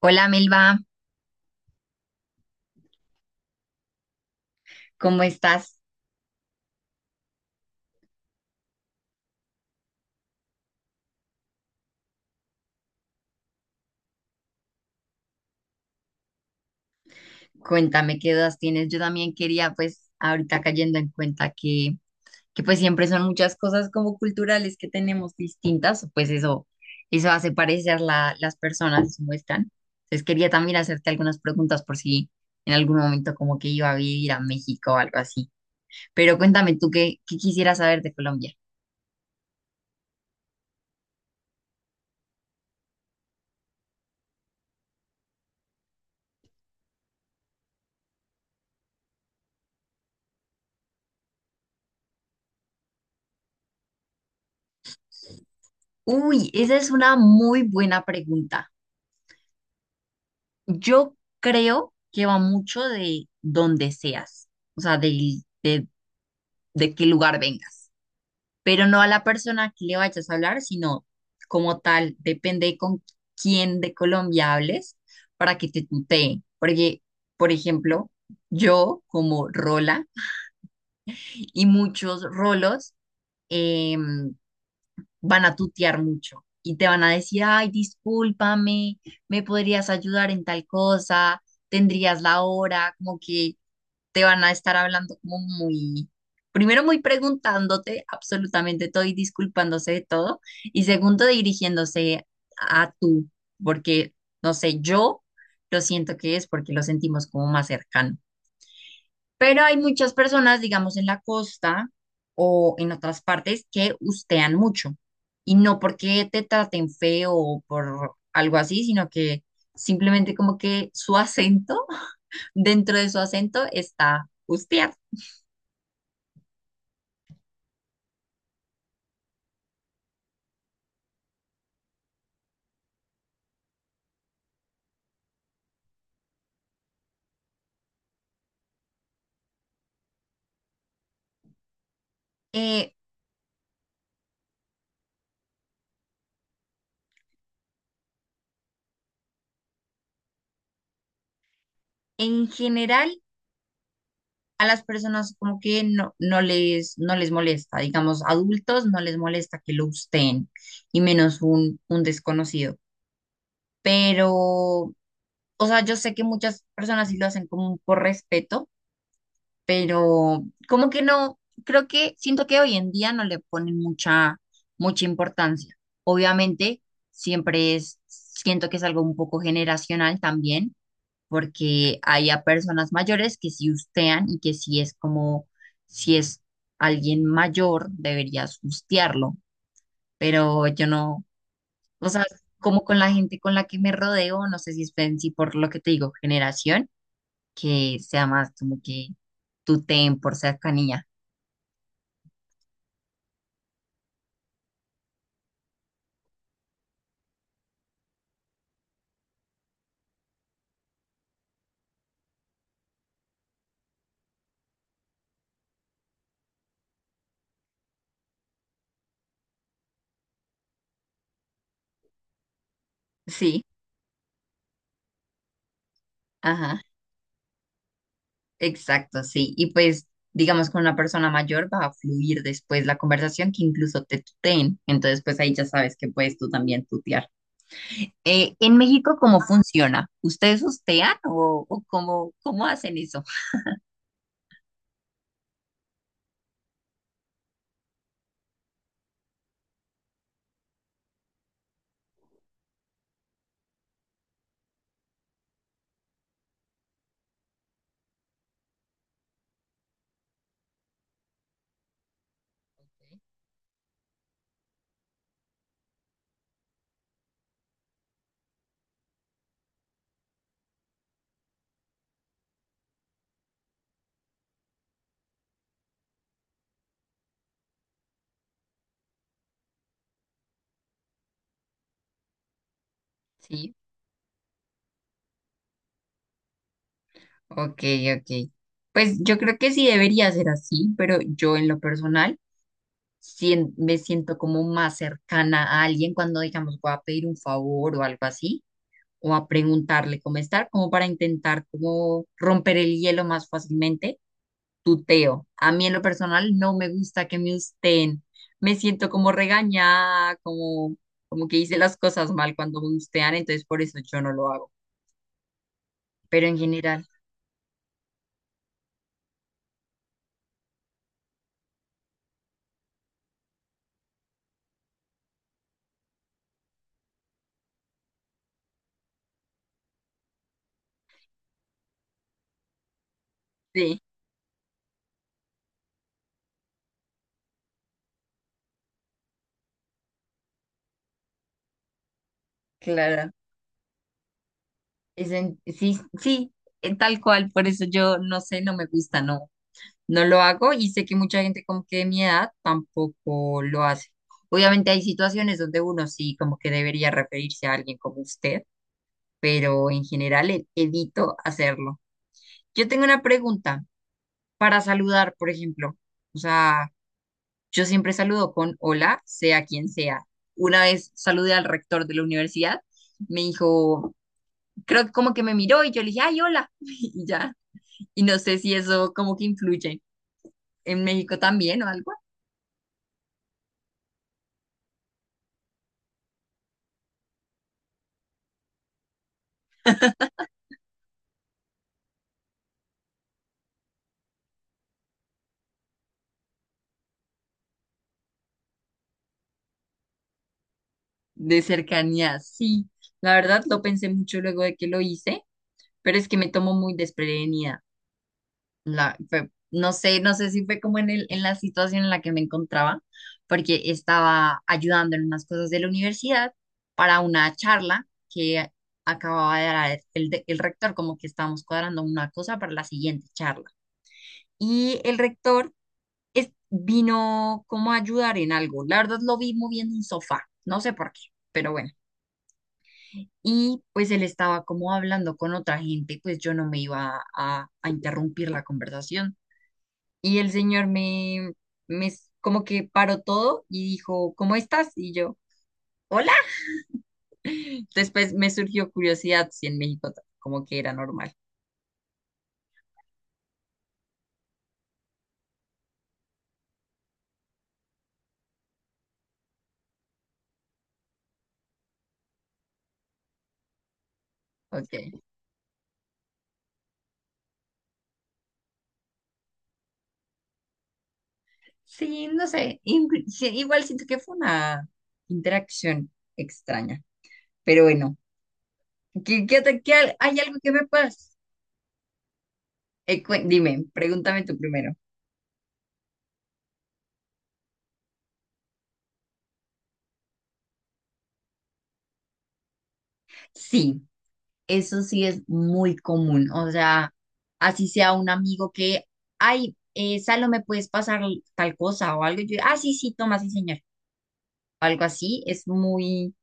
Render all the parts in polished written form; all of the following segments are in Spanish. Hola Melba, ¿cómo estás? Cuéntame qué dudas tienes. Yo también quería, pues, ahorita cayendo en cuenta que, que siempre son muchas cosas como culturales que tenemos distintas, pues eso hace parecer las personas como están. Entonces quería también hacerte algunas preguntas por si en algún momento como que iba a vivir a México o algo así. Pero cuéntame tú qué, qué quisieras saber de Colombia. Uy, esa es una muy buena pregunta. Yo creo que va mucho de dónde seas, o sea, de qué lugar vengas, pero no a la persona que le vayas a hablar, sino como tal, depende con quién de Colombia hables para que te tuteen. Porque, por ejemplo, yo como Rola y muchos Rolos em, van a tutear mucho y te van a decir, ay, discúlpame, me podrías ayudar en tal cosa, tendrías la hora, como que te van a estar hablando como muy, primero muy preguntándote absolutamente todo y disculpándose de todo, y segundo dirigiéndose a tú, porque, no sé, yo lo siento que es porque lo sentimos como más cercano. Pero hay muchas personas, digamos, en la costa o en otras partes que ustean mucho. Y no porque te traten feo o por algo así, sino que simplemente como que su acento, dentro de su acento está ustear. eh, en general a las personas como que no, no les molesta, digamos, adultos no les molesta que lo usen y menos un desconocido. Pero, o sea, yo sé que muchas personas sí lo hacen como por respeto, pero como que no, creo que siento que hoy en día no le ponen mucha, mucha importancia. Obviamente, siempre es, siento que es algo un poco generacional también porque hay a personas mayores que sí hustean y que sí es como, si es alguien mayor, deberías hustearlo, pero yo no, o sea, como con la gente con la que me rodeo, no sé si es si por lo que te digo, generación, que sea más como que tuteen por cercanía. Sí, ajá, exacto, sí. Y pues, digamos, con una persona mayor va a fluir después la conversación que incluso te tuteen, entonces pues ahí ya sabes que puedes tú también tutear. En México, ¿cómo funciona? ¿Ustedes hostean o cómo, cómo hacen eso? Sí, ok, ok. Pues yo creo que sí debería ser así, pero yo en lo personal me siento como más cercana a alguien cuando, digamos, voy a pedir un favor o algo así, o a preguntarle cómo estar, como para intentar como romper el hielo más fácilmente. Tuteo. A mí en lo personal no me gusta que me usteen. Me siento como regañada, como, como que hice las cosas mal cuando me ustean, entonces por eso yo no lo hago. Pero en general, sí, claro. Sí, sí, tal cual. Por eso yo no sé, no me gusta, no, no lo hago y sé que mucha gente como que de mi edad tampoco lo hace. Obviamente hay situaciones donde uno sí como que debería referirse a alguien como usted, pero en general evito hacerlo. Yo tengo una pregunta. Para saludar, por ejemplo. O sea, yo siempre saludo con hola, sea quien sea. Una vez saludé al rector de la universidad, me dijo, creo que como que me miró y yo le dije, ay, hola, y ya. Y no sé si eso como que influye en México también o algo de cercanía. Sí, la verdad lo pensé mucho luego de que lo hice, pero es que me tomo muy desprevenida. No sé, no sé si fue como en el, en la situación en la que me encontraba, porque estaba ayudando en unas cosas de la universidad para una charla que acababa de dar el, el rector, como que estábamos cuadrando una cosa para la siguiente charla. Y el rector vino como a ayudar en algo. La verdad lo vi moviendo un sofá, no sé por qué, pero bueno. Y pues él estaba como hablando con otra gente, pues yo no me iba a interrumpir la conversación. Y el señor me, como que paró todo y dijo, ¿cómo estás? Y yo, hola. Después me surgió curiosidad si en México como que era normal. Ok. Sí, no sé. Sí, igual siento que fue una interacción extraña. Pero bueno, ¿qué, hay algo que me puedas? Dime, pregúntame tú primero. Sí. Eso sí es muy común, o sea, así sea un amigo que, ay, Salo, ¿me puedes pasar tal cosa o algo? Y yo, ah, sí, sí, toma, sí, señor. Algo así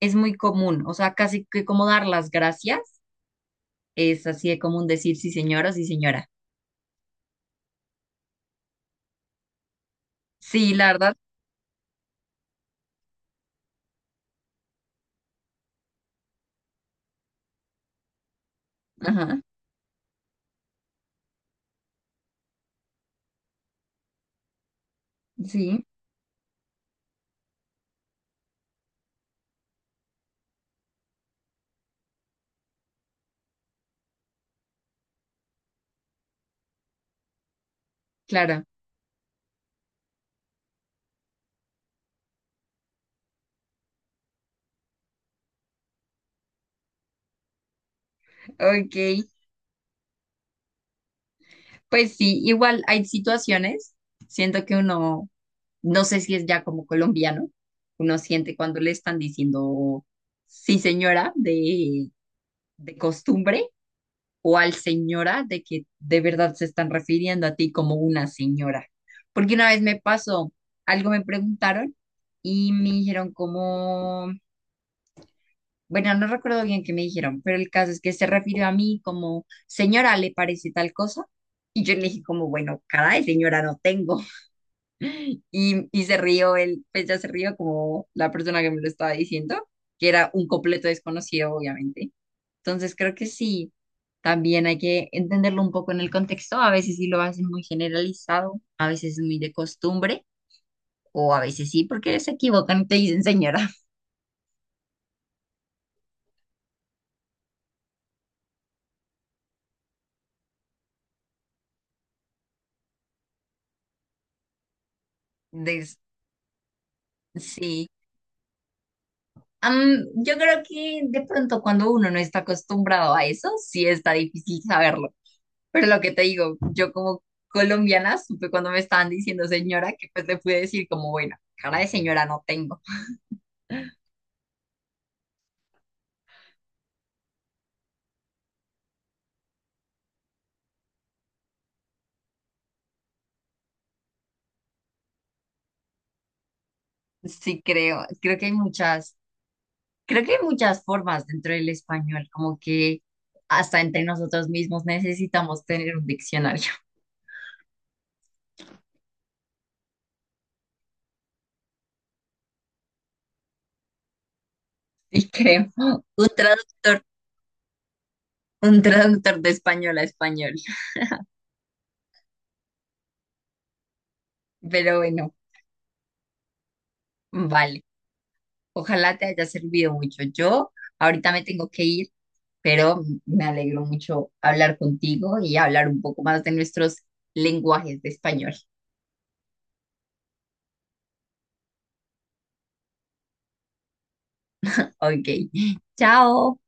es muy común, o sea, casi que como dar las gracias, es así de común decir sí, señor o sí, señora. Sí, la verdad, ajá, sí, claro, ok, pues sí, igual hay situaciones, siento que uno no sé si es ya como colombiano, uno siente cuando le están diciendo sí señora de costumbre o al señora de que de verdad se están refiriendo a ti como una señora. Porque una vez me pasó, algo me preguntaron y me dijeron como, bueno, no recuerdo bien qué me dijeron, pero el caso es que se refirió a mí como, señora, ¿le parece tal cosa? Y yo le dije como, bueno, caray, señora, no tengo. Y se rió él, pues ya se rió como la persona que me lo estaba diciendo, que era un completo desconocido, obviamente. Entonces creo que sí, también hay que entenderlo un poco en el contexto. A veces sí lo hacen muy generalizado, a veces muy de costumbre, o a veces sí, porque se equivocan y te dicen señora. Des- sí. Am, yo creo que de pronto cuando uno no está acostumbrado a eso, sí está difícil saberlo. Pero lo que te digo, yo como colombiana supe cuando me estaban diciendo señora que pues le pude decir como, bueno, cara de señora no tengo. Sí creo, creo que hay muchas formas dentro del español, como que hasta entre nosotros mismos necesitamos tener un diccionario. Y creo, un traductor, un traductor de español a español. Pero bueno, vale. Ojalá te haya servido mucho. Yo ahorita me tengo que ir, pero me alegro mucho hablar contigo y hablar un poco más de nuestros lenguajes de español. Ok, chao.